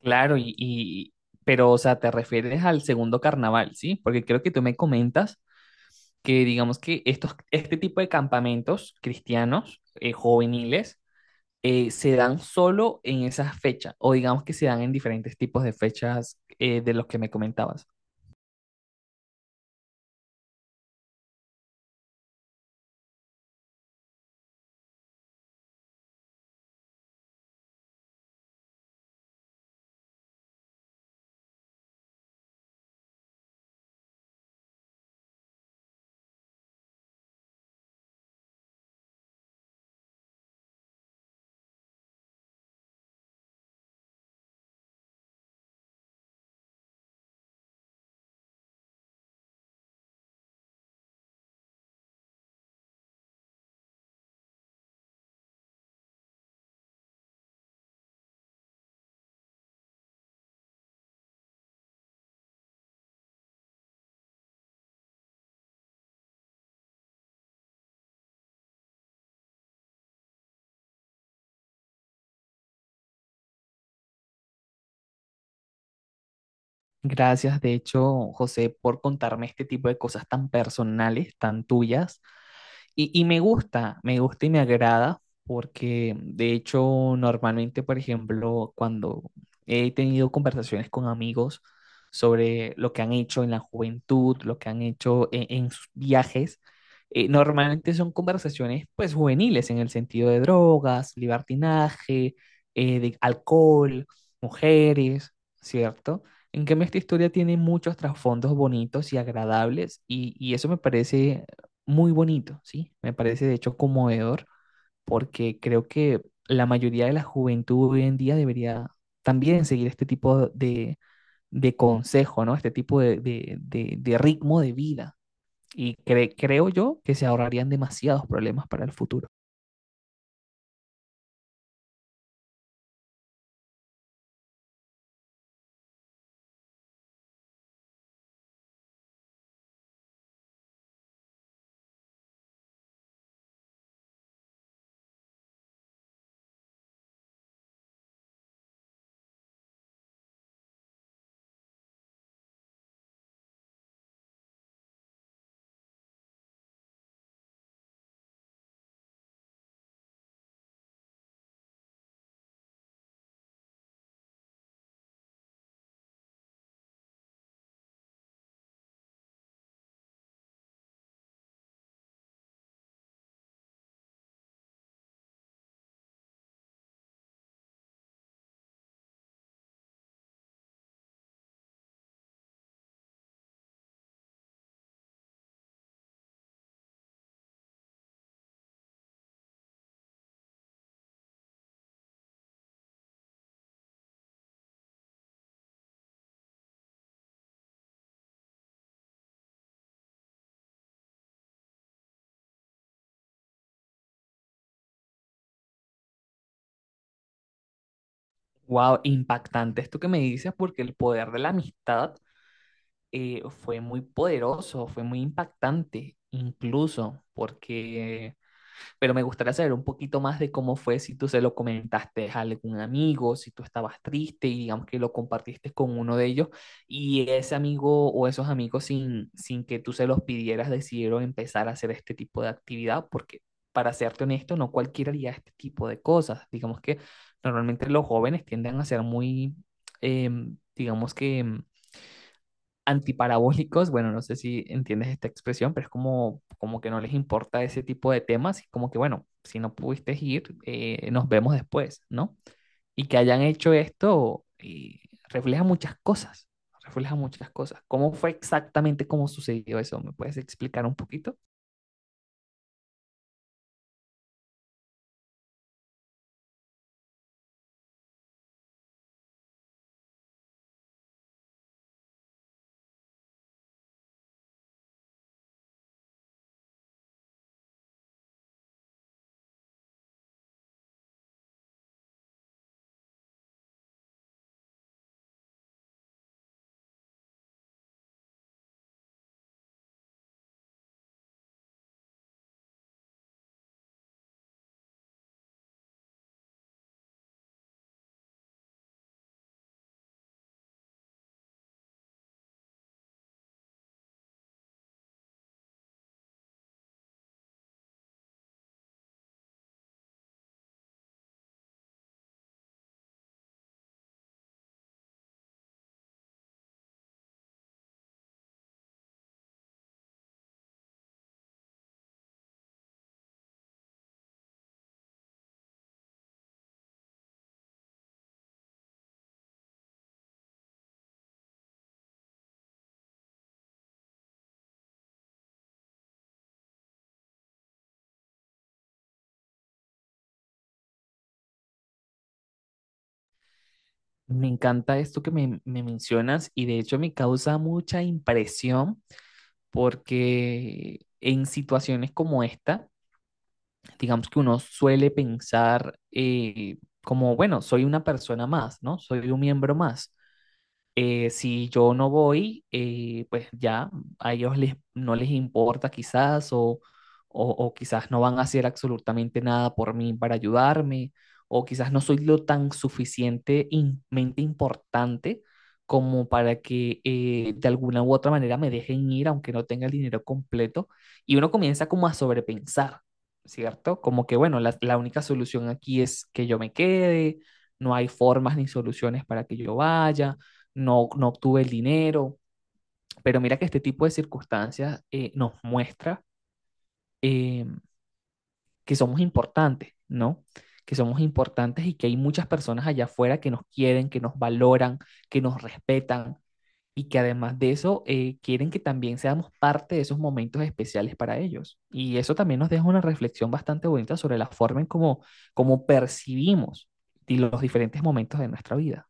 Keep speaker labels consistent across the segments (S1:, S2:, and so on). S1: Claro, y- pero, o sea, te refieres al segundo carnaval, ¿sí? Porque creo que tú me comentas que, digamos que estos, este tipo de campamentos cristianos, juveniles, se dan solo en esas fechas, o digamos que se dan en diferentes tipos de fechas de los que me comentabas. Gracias, de hecho, José, por contarme este tipo de cosas tan personales, tan tuyas. Y me gusta y me agrada porque de hecho normalmente, por ejemplo, cuando he tenido conversaciones con amigos sobre lo que han hecho en la juventud, lo que han hecho en sus viajes, normalmente son conversaciones pues juveniles en el sentido de drogas, libertinaje, de alcohol, mujeres, ¿cierto? En cambio, esta historia tiene muchos trasfondos bonitos y agradables y eso me parece muy bonito, ¿sí? Me parece de hecho conmovedor porque creo que la mayoría de la juventud hoy en día debería también seguir este tipo de consejo, ¿no? Este tipo de ritmo de vida. Y cre- creo yo que se ahorrarían demasiados problemas para el futuro. Wow, impactante esto que me dices porque el poder de la amistad fue muy poderoso, fue muy impactante, incluso porque pero me gustaría saber un poquito más de cómo fue, si tú se lo comentaste a algún amigo, si tú estabas triste y digamos que lo compartiste con uno de ellos y ese amigo o esos amigos sin, sin que tú se los pidieras decidieron empezar a hacer este tipo de actividad, porque para serte honesto, no cualquiera haría este tipo de cosas. Digamos que normalmente los jóvenes tienden a ser muy, eh, digamos que antiparabólicos, bueno, no sé si entiendes esta expresión, pero es como, como que no les importa ese tipo de temas y como que, bueno, si no pudiste ir, nos vemos después, ¿no? Y que hayan hecho esto refleja muchas cosas, refleja muchas cosas. ¿Cómo fue exactamente cómo sucedió eso? ¿Me puedes explicar un poquito? Me encanta esto que me mencionas y de hecho me causa mucha impresión porque en situaciones como esta, digamos que uno suele pensar como, bueno, soy una persona más, ¿no? Soy un miembro más. Si yo no voy, pues ya a ellos les, no les importa quizás o quizás no van a hacer absolutamente nada por mí para ayudarme o quizás no soy lo tan suficientemente importante como para que de alguna u otra manera me dejen ir aunque no tenga el dinero completo y uno comienza como a sobrepensar, ¿cierto? Como que bueno, la única solución aquí es que yo me quede, no hay formas ni soluciones para que yo vaya no, no obtuve el dinero, pero mira que este tipo de circunstancias nos muestra eh, que somos importantes, ¿no? Que somos importantes y que hay muchas personas allá afuera que nos quieren, que nos valoran, que nos respetan y que además de eso quieren que también seamos parte de esos momentos especiales para ellos. Y eso también nos deja una reflexión bastante bonita sobre la forma en cómo, cómo percibimos los diferentes momentos de nuestra vida.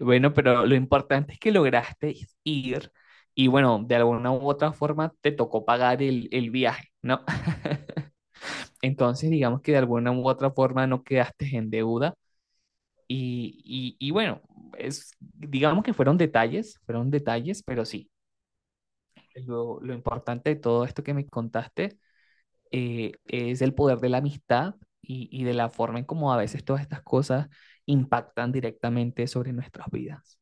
S1: Bueno, pero lo importante es que lograste ir y bueno, de alguna u otra forma te tocó pagar el viaje, ¿no? Entonces, digamos que de alguna u otra forma no quedaste en deuda y, y bueno, es, digamos que fueron detalles, pero sí, lo importante de todo esto que me contaste es el poder de la amistad y de la forma en cómo a veces todas estas cosas impactan directamente sobre nuestras vidas.